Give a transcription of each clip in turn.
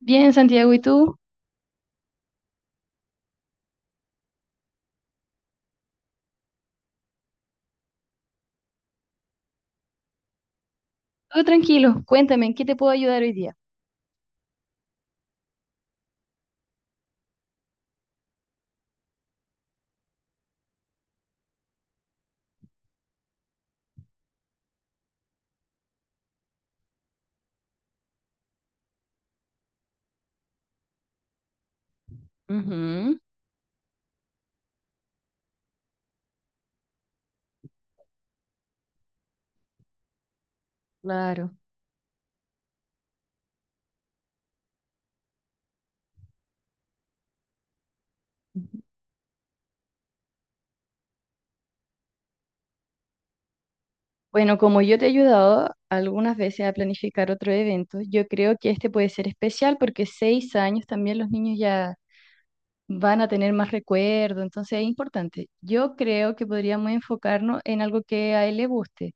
Bien, Santiago, ¿y tú? Todo tranquilo, cuéntame, ¿en qué te puedo ayudar hoy día? Ujú, claro. Bueno, como yo te he ayudado algunas veces a planificar otro evento, yo creo que este puede ser especial porque 6 años también los niños ya van a tener más recuerdo, entonces es importante. Yo creo que podríamos enfocarnos en algo que a él le guste.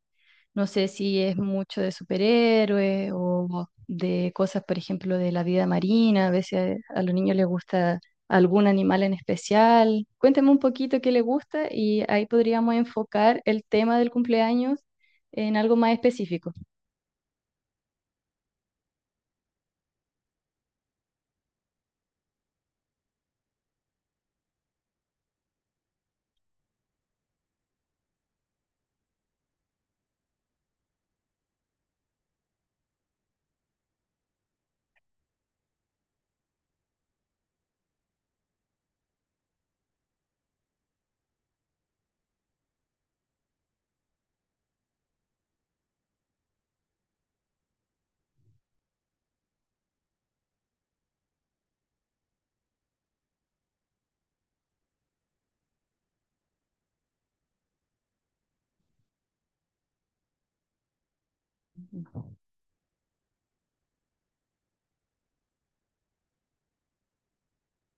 No sé si es mucho de superhéroes o de cosas, por ejemplo, de la vida marina. A veces a los niños les gusta algún animal en especial. Cuéntame un poquito qué les gusta y ahí podríamos enfocar el tema del cumpleaños en algo más específico.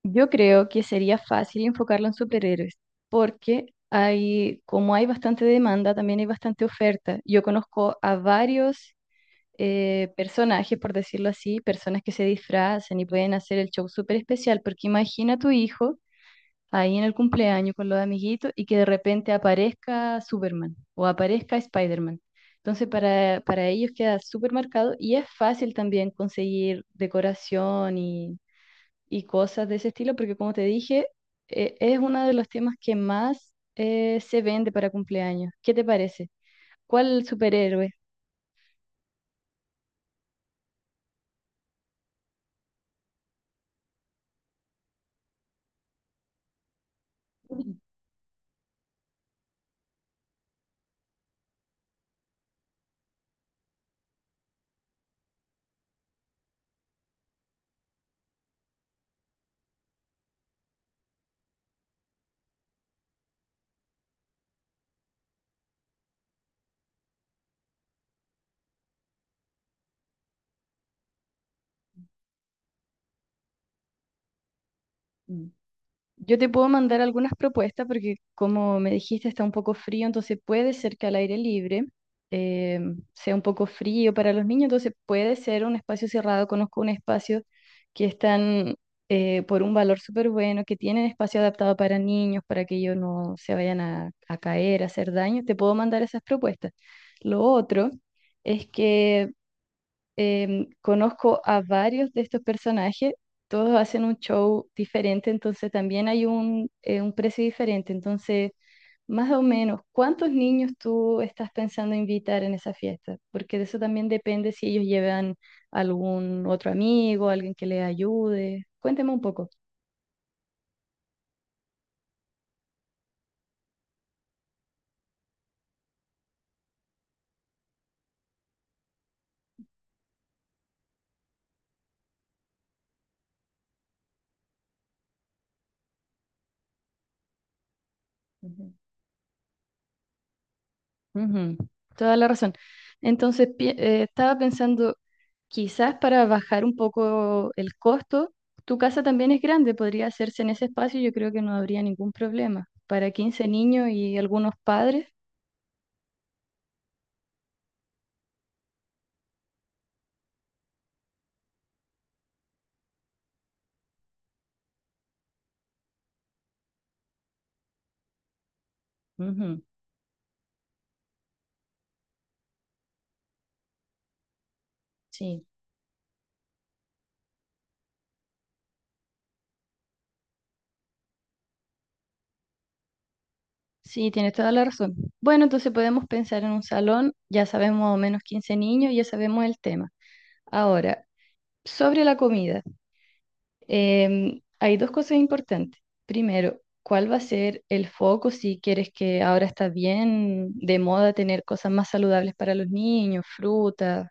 Yo creo que sería fácil enfocarlo en superhéroes, porque hay, como hay bastante demanda, también hay bastante oferta. Yo conozco a varios personajes, por decirlo así, personas que se disfrazan y pueden hacer el show súper especial, porque imagina a tu hijo ahí en el cumpleaños con los amiguitos y que de repente aparezca Superman o aparezca Spider-Man. Entonces para ellos queda súper marcado y es fácil también conseguir decoración y cosas de ese estilo, porque como te dije, es uno de los temas que más se vende para cumpleaños. ¿Qué te parece? ¿Cuál superhéroe? Yo te puedo mandar algunas propuestas porque como me dijiste está un poco frío, entonces puede ser que al aire libre eh, sea un poco frío para los niños, entonces puede ser un espacio cerrado. Conozco un espacio que están por un valor súper bueno, que tienen espacio adaptado para niños, para que ellos no se vayan a caer, a hacer daño. Te puedo mandar esas propuestas. Lo otro es que conozco a varios de estos personajes, todos hacen un show diferente, entonces también hay un precio diferente. Entonces, más o menos, ¿cuántos niños tú estás pensando invitar en esa fiesta? Porque de eso también depende si ellos llevan algún otro amigo, alguien que les ayude. Cuénteme un poco. Ujú. Ujú, toda la razón. Entonces, estaba pensando, quizás para bajar un poco el costo, tu casa también es grande, podría hacerse en ese espacio, yo creo que no habría ningún problema. Para 15 niños y algunos padres, ujú, sí, sí, tienes toda la razón. Bueno, entonces podemos pensar en un salón, ya sabemos más o menos 15 niños, ya sabemos el tema. Ahora, sobre la comida. Hay dos cosas importantes. Primero, ¿cuál va a ser el foco si quieres que ahora está bien de moda tener cosas más saludables para los niños, frutas,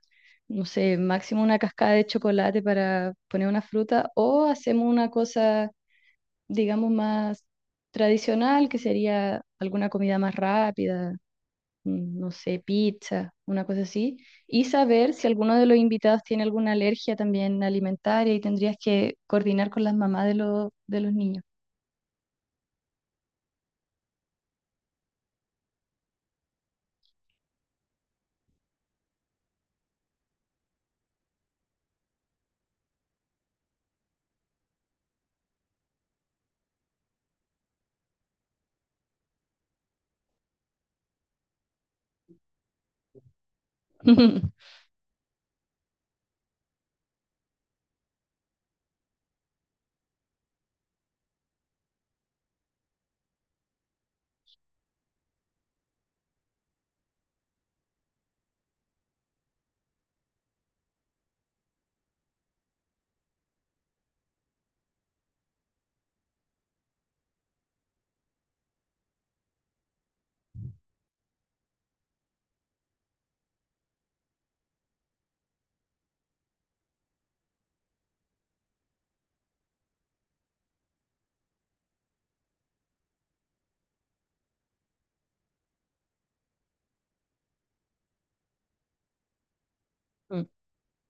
no sé, máximo una cascada de chocolate para poner una fruta o hacemos una cosa, digamos, más tradicional que sería alguna comida más rápida? No sé, pizza, una cosa así, y saber si alguno de los invitados tiene alguna alergia también alimentaria y tendrías que coordinar con las mamás de de los niños.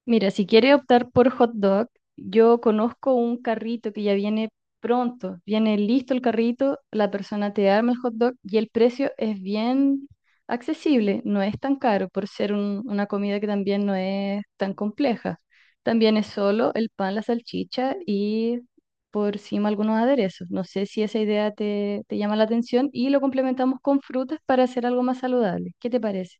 Mira, si quiere optar por hot dog, yo conozco un carrito que ya viene pronto, viene listo el carrito, la persona te arma el hot dog y el precio es bien accesible, no es tan caro por ser una comida que también no es tan compleja. También es solo el pan, la salchicha y por encima algunos aderezos. No sé si esa idea te llama la atención y lo complementamos con frutas para hacer algo más saludable. ¿Qué te parece?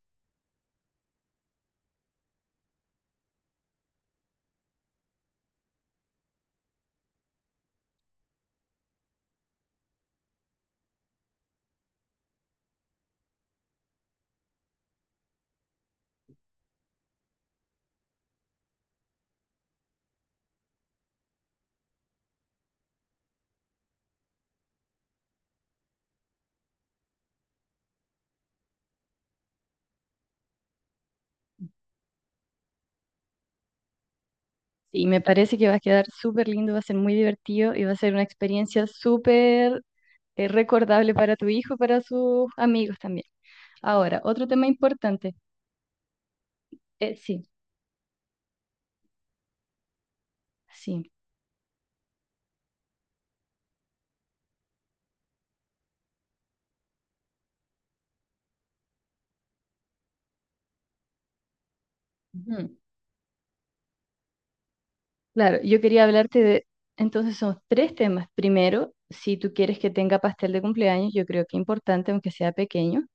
Sí, me parece que va a quedar súper lindo, va a ser muy divertido y va a ser una experiencia súper recordable para tu hijo y para sus amigos también. Ahora, otro tema importante. Eh, sí, sí. Ujú. Claro, yo quería hablarte de, entonces son tres temas. Primero, si tú quieres que tenga pastel de cumpleaños, yo creo que es importante, aunque sea pequeño.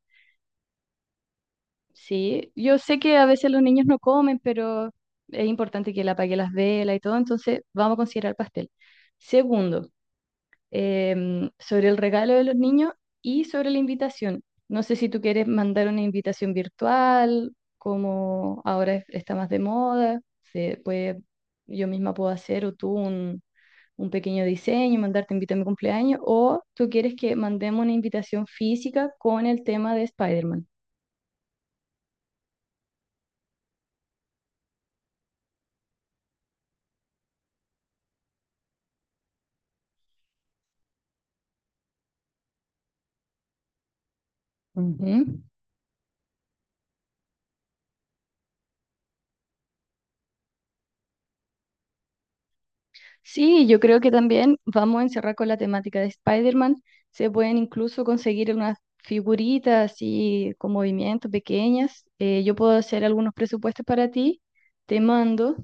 Sí, yo sé que a veces los niños no comen, pero es importante que él apague las velas y todo, entonces vamos a considerar pastel. Segundo, sobre el regalo de los niños y sobre la invitación. No sé si tú quieres mandar una invitación virtual, como ahora está más de moda, se puede, yo misma puedo hacer o tú un pequeño diseño, mandarte invita a mi cumpleaños, o tú quieres que mandemos una invitación física con el tema de Spider-Man. Ujú. Sí, yo creo que también vamos a encerrar con la temática de Spider-Man. Se pueden incluso conseguir unas figuritas así con movimientos pequeñas. Yo puedo hacer algunos presupuestos para ti, te mando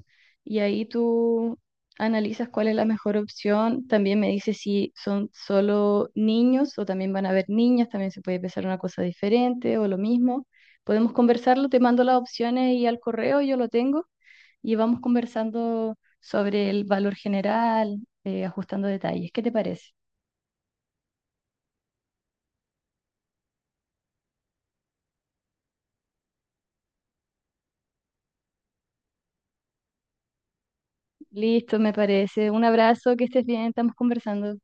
y ahí tú analizas cuál es la mejor opción. También me dices si son solo niños o también van a haber niñas, también se puede pensar una cosa diferente o lo mismo. Podemos conversarlo, te mando las opciones y al correo yo lo tengo y vamos conversando sobre el valor general, ajustando detalles. ¿Qué te parece? Listo, me parece. Un abrazo, que estés bien, estamos conversando.